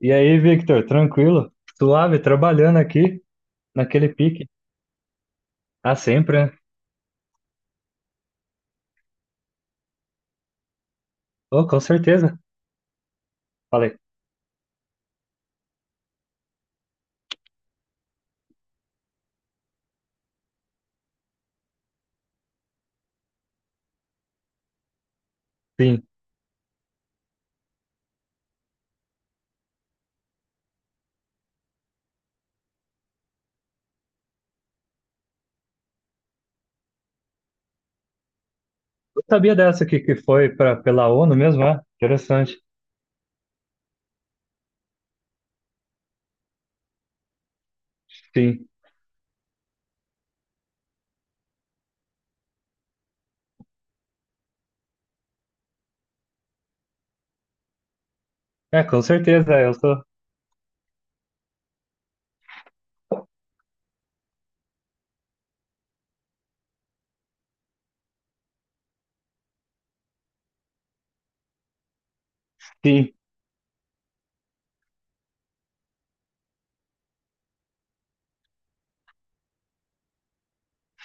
E aí, Victor, tranquilo? Suave, trabalhando aqui, naquele pique. Ah, sempre, né? Oh, com certeza. Falei, sim. Eu sabia dessa aqui que foi pra, pela ONU mesmo, é? Interessante. Sim. É, com certeza, eu sou. Sim.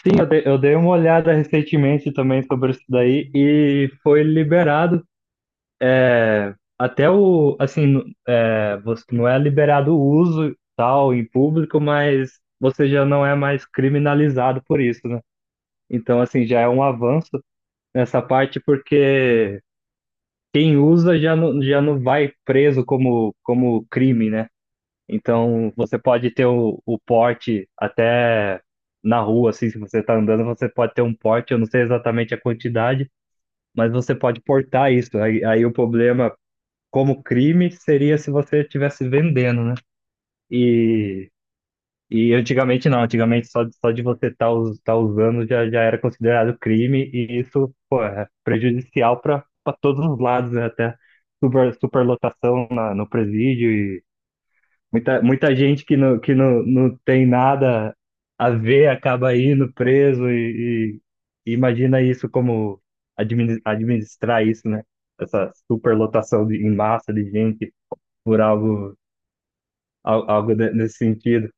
Sim, eu dei uma olhada recentemente também sobre isso daí e foi liberado. É, até o, assim, é, você não é liberado o uso e tal em público, mas você já não é mais criminalizado por isso, né? Então, assim, já é um avanço nessa parte, porque quem usa já não vai preso como, como crime, né? Então, você pode ter o porte até na rua, assim, se você está andando, você pode ter um porte, eu não sei exatamente a quantidade, mas você pode portar isso. Aí, aí o problema como crime seria se você estivesse vendendo, né? E E antigamente não, antigamente só, só de você estar usando já, já era considerado crime, e isso, pô, é prejudicial para todos os lados, né? Até super, superlotação na, no presídio e muita, muita gente que não, não tem nada a ver acaba indo preso e imagina isso como administrar isso, né? Essa superlotação de, em massa de gente por algo, algo nesse sentido.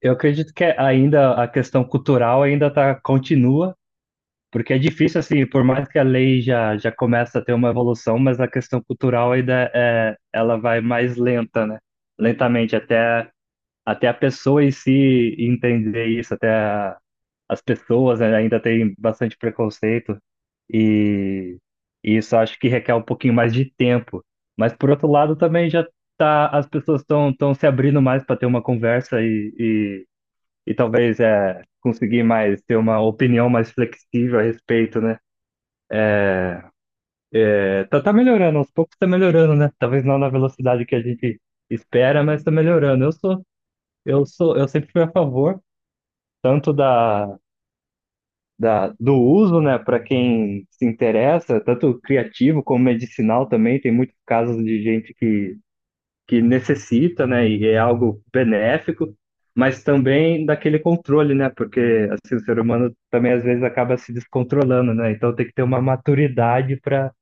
Eu acredito que ainda a questão cultural ainda tá, continua, porque é difícil, assim, por mais que a lei já, já começa a ter uma evolução, mas a questão cultural ainda é, ela vai mais lenta, né? Lentamente, até, até a pessoa em si entender isso, as pessoas né, ainda têm bastante preconceito, e, e isso acho que requer um pouquinho mais de tempo. Mas, por outro lado, também já tá, as pessoas estão se abrindo mais para ter uma conversa e, e talvez é, conseguir mais ter uma opinião mais flexível a respeito, né? É, tá, tá melhorando, aos poucos tá melhorando, né? Talvez não na velocidade que a gente espera, mas tá melhorando. Eu sou, eu sou, eu sempre fui a favor tanto da, da do uso, né, para quem se interessa, tanto criativo como medicinal também. Tem muitos casos de gente que necessita, né, e é algo benéfico, mas também daquele controle, né, porque assim, o ser humano também às vezes acaba se descontrolando, né, então tem que ter uma maturidade para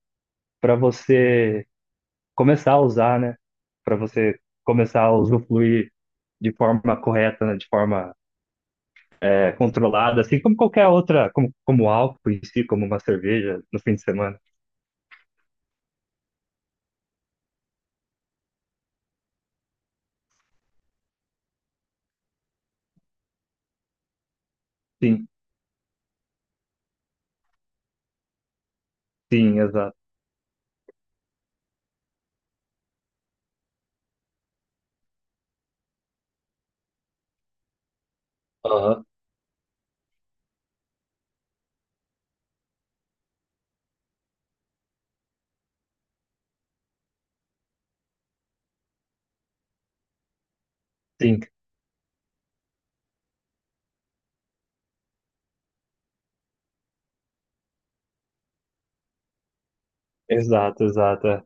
para você começar a usar, né, para você começar a usufruir de forma correta, né, de forma é, controlada, assim como qualquer outra, como, como álcool em si, como uma cerveja no fim de semana. Sim, sim, exato. Aham, sim, exato, exato. É.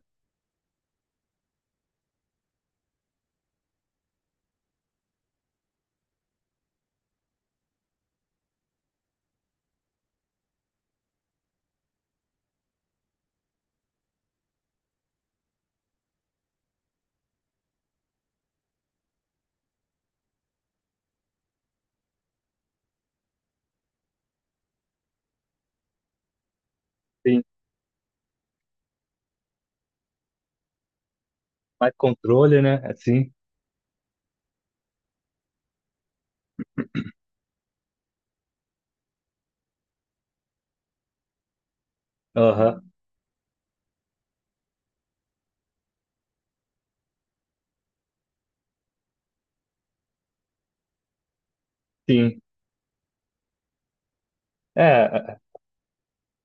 Sim, mais controle, né? Assim. Sim, é,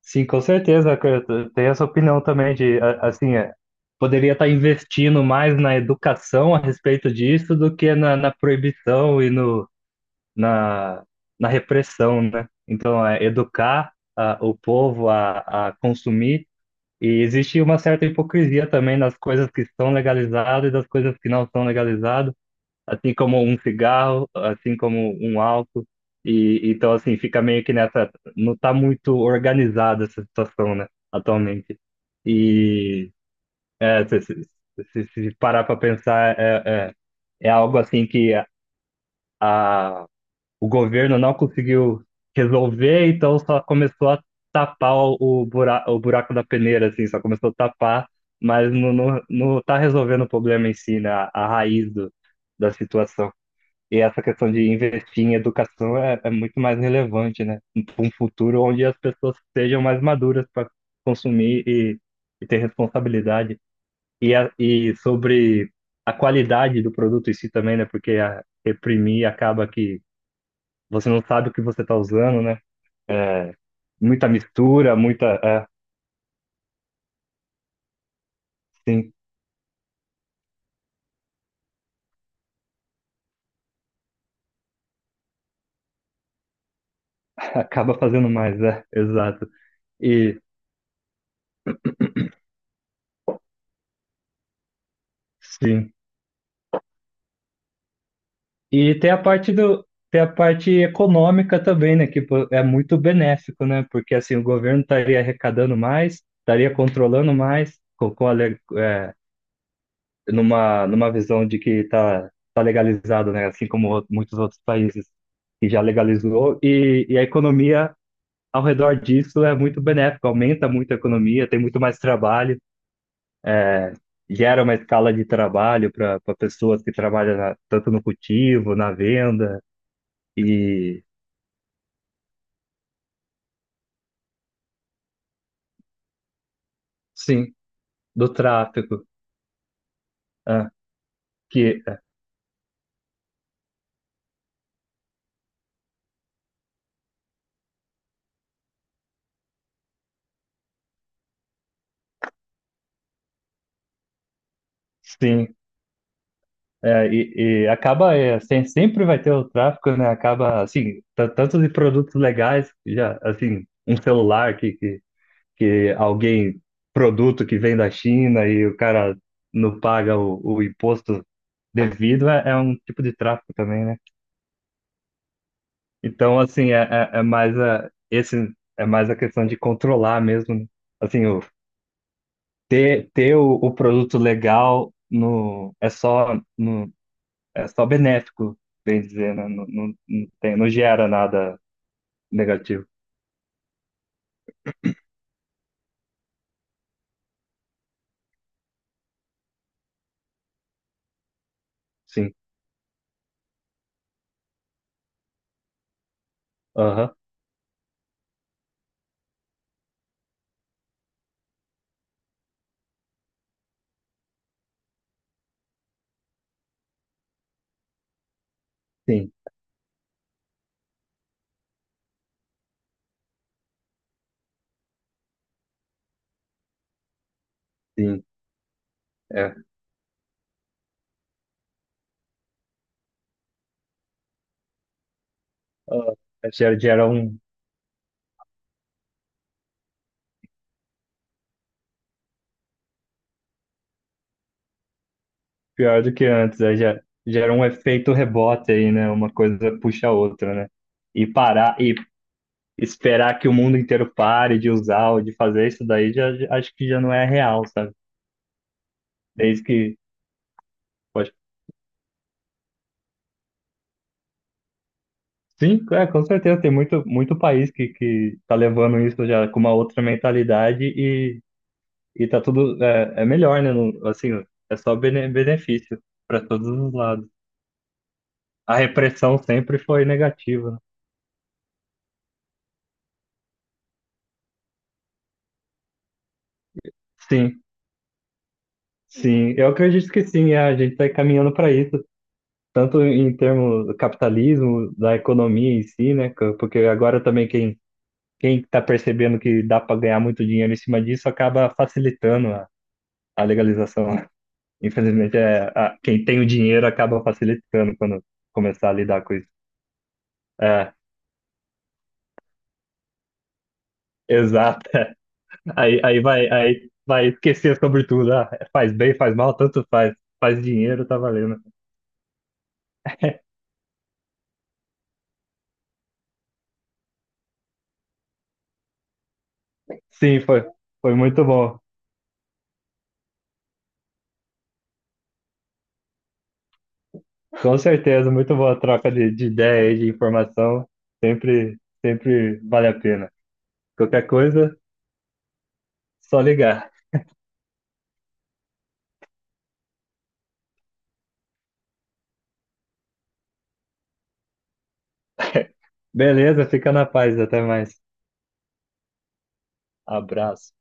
sim, com certeza. Eu tenho essa opinião também de, assim, é, poderia estar investindo mais na educação a respeito disso do que na, na proibição e no, na, na repressão, né? Então, é educar ah, o povo a consumir. E existe uma certa hipocrisia também nas coisas que estão legalizadas e das coisas que não são legalizadas. Assim como um cigarro, assim como um álcool. E então assim, fica meio que nessa, não tá muito organizada essa situação, né, atualmente. E é, se, se parar para pensar, é, é, é algo assim que a- o governo não conseguiu resolver, então só começou a tapar o, o buraco da peneira, assim, só começou a tapar, mas não, não, não tá resolvendo o problema em si, né, a raiz do, da situação. E essa questão de investir em educação é, é muito mais relevante, né? Para um futuro onde as pessoas sejam mais maduras para consumir e ter responsabilidade. E, a, e sobre a qualidade do produto em si também, né? Porque a, reprimir acaba que você não sabe o que você está usando, né? É, muita mistura, muita. É, sim, acaba fazendo mais, é, exato. E sim. E tem a parte do, tem a parte econômica também, né? Que pô, é muito benéfico, né? Porque assim, o governo estaria arrecadando mais, estaria controlando mais, com a, é, numa, numa visão de que está tá tá legalizado, né? Assim como muitos outros países que já legalizou, e a economia ao redor disso é muito benéfica, aumenta muito a economia, tem muito mais trabalho, gera uma escala de trabalho para pessoas que trabalham tanto no cultivo, na venda, e sim. Do tráfico, ah, que é, sim, é, e acaba é, sempre vai ter o tráfico, né? Acaba assim, tanto de produtos legais, já assim, um celular que alguém produto que vem da China e o cara não paga o imposto devido é, é um tipo de tráfico também, né? Então assim é, é, é mais a esse é mais a questão de controlar mesmo, né? Assim, o ter, ter o produto legal no, é só no, é só benéfico, bem dizer, né? Não, não, não tem, não gera nada negativo. Sim. Aham. Sim, sim. É. Ah, gera, gera um pior do que antes, é, gera, gera um efeito rebote aí, né? Uma coisa puxa a outra, né? E parar e esperar que o mundo inteiro pare de usar ou de fazer isso daí, já, acho que já não é real, sabe? Desde que. Pode- sim, é, com certeza, tem muito, muito país que tá levando isso já com uma outra mentalidade e tá tudo. É, é melhor, né? Não- assim, é só benefício para todos os lados. A repressão sempre foi negativa, né? Sim, sim. Eu acredito que sim, é, a gente está caminhando para isso. Tanto em termos do capitalismo, da economia em si, né? Porque agora também quem quem está percebendo que dá para ganhar muito dinheiro em cima disso acaba facilitando a legalização. Né? Infelizmente, é, quem tem o dinheiro acaba facilitando quando começar a lidar com isso. É, exato. Aí, aí vai esquecer sobre tudo. Ah, faz bem, faz mal, tanto faz. Faz dinheiro, tá valendo. Sim, foi, foi muito bom. Com certeza, muito boa a troca de ideia e de informação. Sempre, sempre vale a pena. Qualquer coisa, só ligar. Beleza, fica na paz, até mais. Abraço.